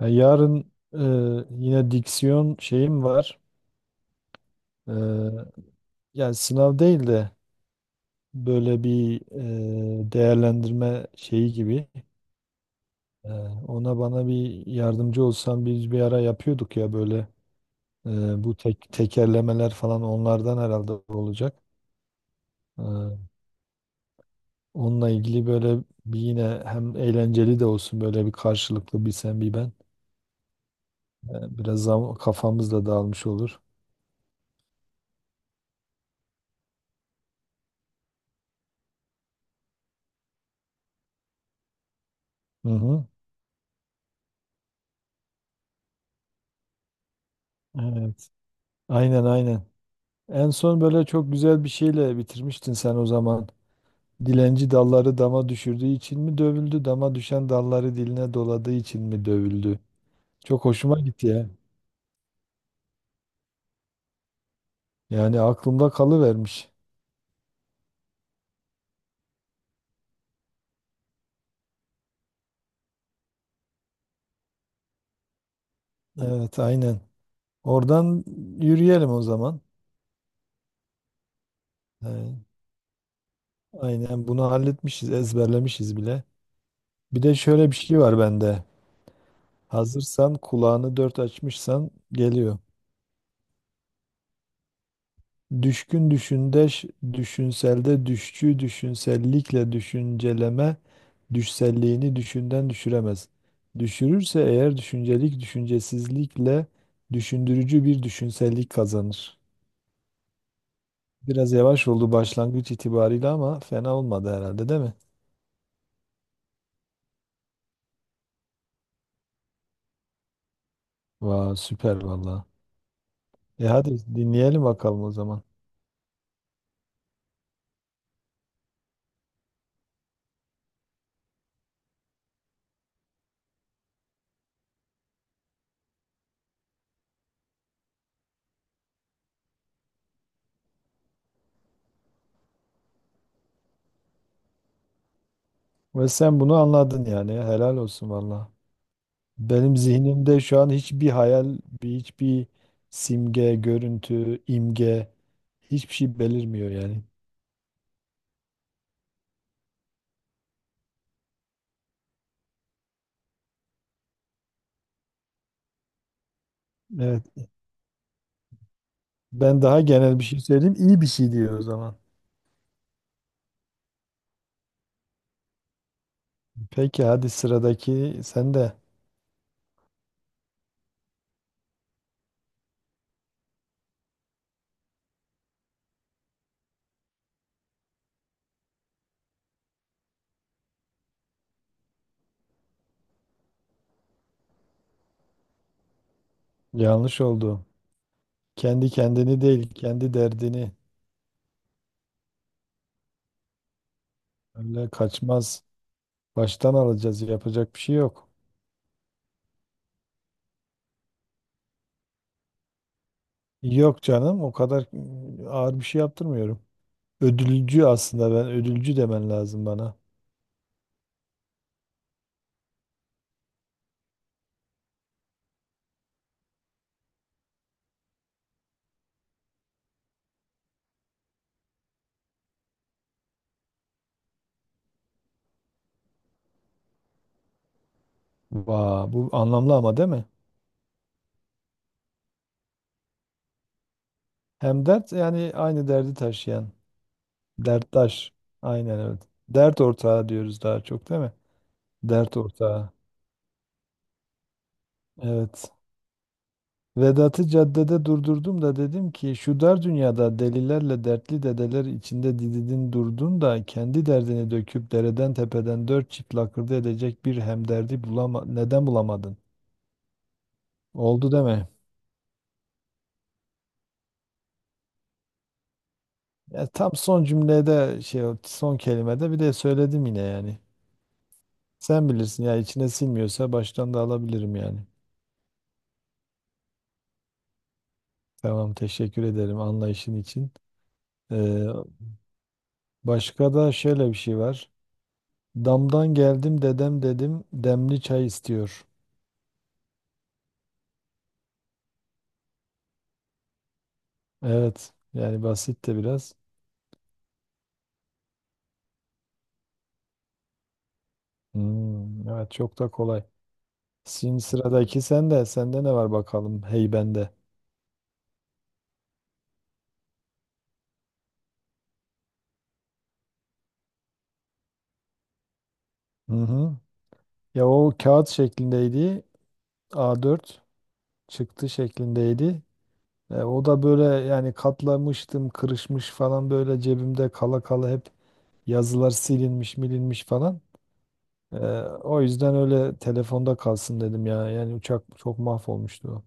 Ya yarın yine diksiyon şeyim var. E, Yani sınav değil de böyle bir değerlendirme şeyi gibi. E, Ona bana bir yardımcı olsan biz bir ara yapıyorduk ya böyle bu tekerlemeler falan onlardan herhalde olacak. E, Onunla ilgili böyle bir yine hem eğlenceli de olsun böyle bir karşılıklı bir sen bir ben. Biraz kafamız da dağılmış olur. Hı hı. Evet. Aynen aynen. En son böyle çok güzel bir şeyle bitirmiştin sen o zaman. Dilenci dalları dama düşürdüğü için mi dövüldü? Dama düşen dalları diline doladığı için mi dövüldü? Çok hoşuma gitti ya. Yani aklımda kalıvermiş. Evet, aynen. Oradan yürüyelim o zaman. Ee, aynen bunu halletmişiz, ezberlemişiz bile. Bir de şöyle bir şey var bende. Hazırsan, kulağını dört açmışsan geliyor. Düşkün düşündeş, düşünselde düşçü, düşünsellikle düşünceleme, düşselliğini düşünden düşüremez. Düşürürse eğer düşüncelik düşüncesizlikle düşündürücü bir düşünsellik kazanır. Biraz yavaş oldu başlangıç itibariyle ama fena olmadı herhalde değil mi? Vay süper valla. E hadi dinleyelim bakalım o zaman. Ve sen bunu anladın yani helal olsun valla. Benim zihnimde şu an hiçbir hayal, hiçbir simge, görüntü, imge hiçbir şey belirmiyor yani. Evet. Ben daha genel bir şey söyleyeyim. İyi bir şey diyor o zaman. Peki hadi sıradaki sen de yanlış oldu. Kendi kendini değil, kendi derdini. Öyle kaçmaz. Baştan alacağız. Yapacak bir şey yok. Yok canım, o kadar ağır bir şey yaptırmıyorum. Ödülcü aslında ben ödülcü demen lazım bana. Vaa, bu anlamlı ama değil mi? Hem dert yani aynı derdi taşıyan. Derttaş. Aynen evet. Dert ortağı diyoruz daha çok değil mi? Dert ortağı. Evet. Vedat'ı caddede durdurdum da dedim ki şu dar dünyada delilerle dertli dedeler içinde dididin durdun da kendi derdini döküp dereden tepeden dört çift lakırdı edecek bir hemderdi bulama neden bulamadın? Oldu deme. Ya tam son cümlede şey o son kelimede bir de söyledim yine yani. Sen bilirsin ya içine sinmiyorsa baştan da alabilirim yani. Tamam teşekkür ederim anlayışın için. Ee, Başka da şöyle bir şey var. Damdan geldim dedem dedim demli çay istiyor. Evet yani basit de biraz. Hmm, evet çok da kolay. Şimdi sıradaki sende. Sende ne var bakalım hey bende. Hı hı. Ya o kağıt şeklindeydi. A4 çıktı şeklindeydi. O da böyle yani katlamıştım kırışmış falan böyle cebimde kala kala hep yazılar silinmiş milinmiş falan. Ee, O yüzden öyle telefonda kalsın dedim ya. Yani uçak çok mahvolmuştu. O.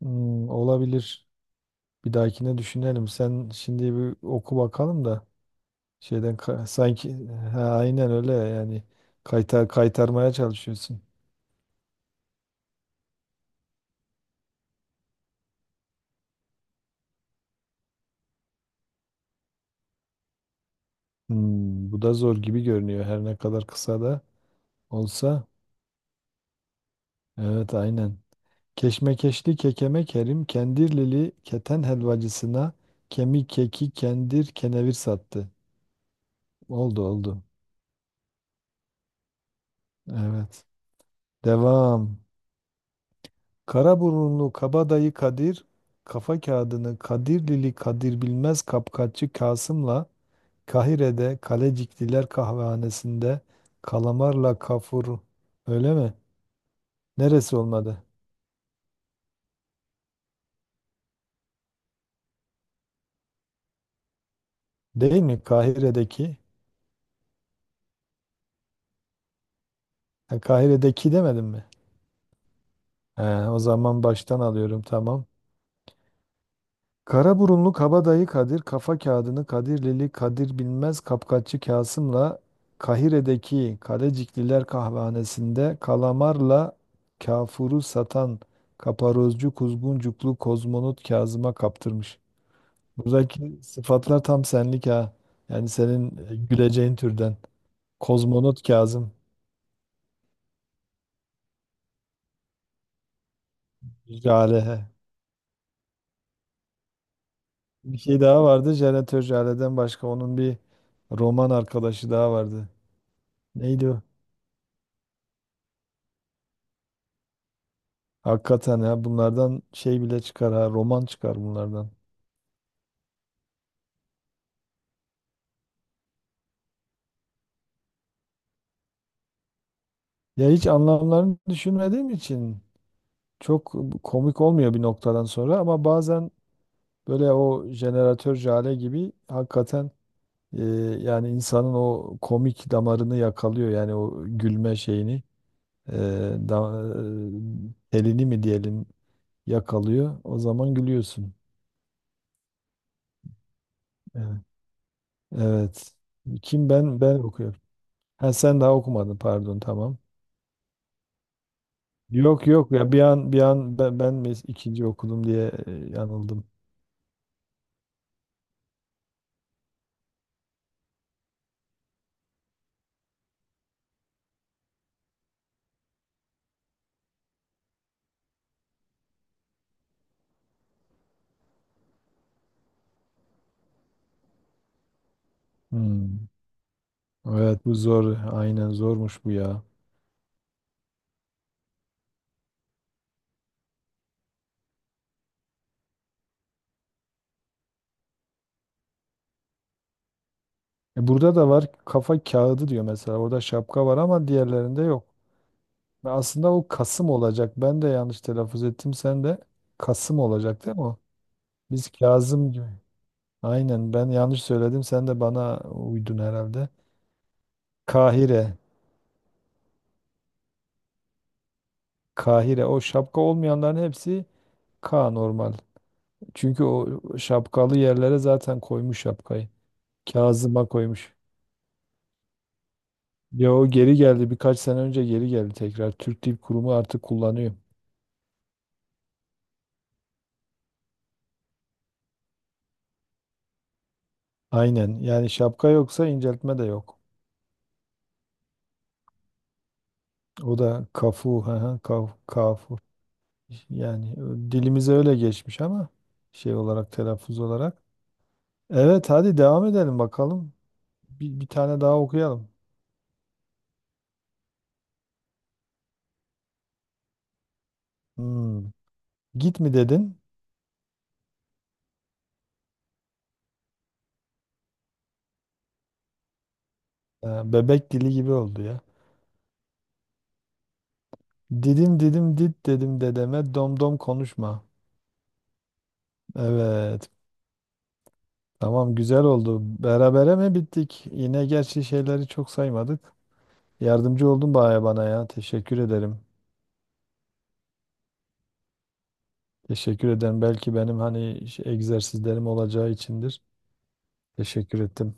Hmm, olabilir. Bir dahakine düşünelim. Sen şimdi bir oku bakalım da şeyden ka- sanki ha, aynen öyle yani kaytar kaytarmaya çalışıyorsun. Hmm, bu da zor gibi görünüyor her ne kadar kısa da olsa. Evet aynen. Keşmekeşli kekeme Kerim Kendirlili keten helvacısına kemik keki kendir kenevir sattı. Oldu oldu. Evet. Devam. Karaburunlu kabadayı Kadir, kafa kağıdını Kadirlili Kadir Bilmez Kapkaççı Kasım'la Kahire'de Kalecikliler Kahvehanesi'nde kalamarla kafur. Öyle mi? Neresi olmadı? Değil mi? Kahire'deki. Ha, Kahire'deki demedim mi? He, o zaman baştan alıyorum tamam. Karaburunlu Kabadayı Kadir kafa kağıdını Kadirlili Kadir Bilmez Kapkaççı Kasım'la Kahire'deki Kalecikliler kahvehanesinde kalamarla kafuru satan kaparozcu kuzguncuklu kozmonot Kazım'a kaptırmış. Buradaki sıfatlar tam senlik ha. Yani senin güleceğin türden. Kozmonot Kazım. Jale. He. Bir şey daha vardı. Jeneratör Jale'den başka onun bir roman arkadaşı daha vardı. Neydi o? Hakikaten ya bunlardan şey bile çıkar ha roman çıkar bunlardan. Ya hiç anlamlarını düşünmediğim için çok komik olmuyor bir noktadan sonra ama bazen böyle o jeneratör Jale gibi hakikaten e, yani insanın o komik damarını yakalıyor yani o gülme şeyini e, da, telini mi diyelim yakalıyor o zaman gülüyorsun. Evet. Evet. Kim ben ben okuyorum. Ha sen daha okumadın pardon tamam. Yok yok ya bir an bir an ben ikinci okudum diye yanıldım. Hmm. Evet bu zor. Aynen zormuş bu ya. E, burada da var kafa kağıdı diyor mesela. Orada şapka var ama diğerlerinde yok. Ve Aslında o Kasım olacak. Ben de yanlış telaffuz ettim. Sen de Kasım olacak değil mi o? Biz Kazım gibi. Aynen ben yanlış söyledim. Sen de bana uydun herhalde. Kahire. Kahire. O şapka olmayanların hepsi K normal. Çünkü o şapkalı yerlere zaten koymuş şapkayı. Kazıma koymuş. Ya o geri geldi birkaç sene önce geri geldi tekrar. Türk Dil Kurumu artık kullanıyor. Aynen yani şapka yoksa inceltme de yok. O da kafu, hı hı, kaf, kafu. Yani dilimize öyle geçmiş ama şey olarak telaffuz olarak. Evet hadi devam edelim bakalım. Bir tane daha okuyalım. Hmm. Git mi dedin? Ha, Bebek dili gibi oldu ya. Didim didim dit dedim dedeme dom dom konuşma. Evet. Tamam güzel oldu. Berabere mi bittik? Yine gerçi şeyleri çok saymadık. Yardımcı oldun baya bana ya. Teşekkür ederim. Teşekkür ederim. Belki benim hani şey- egzersizlerim olacağı içindir. Teşekkür ettim.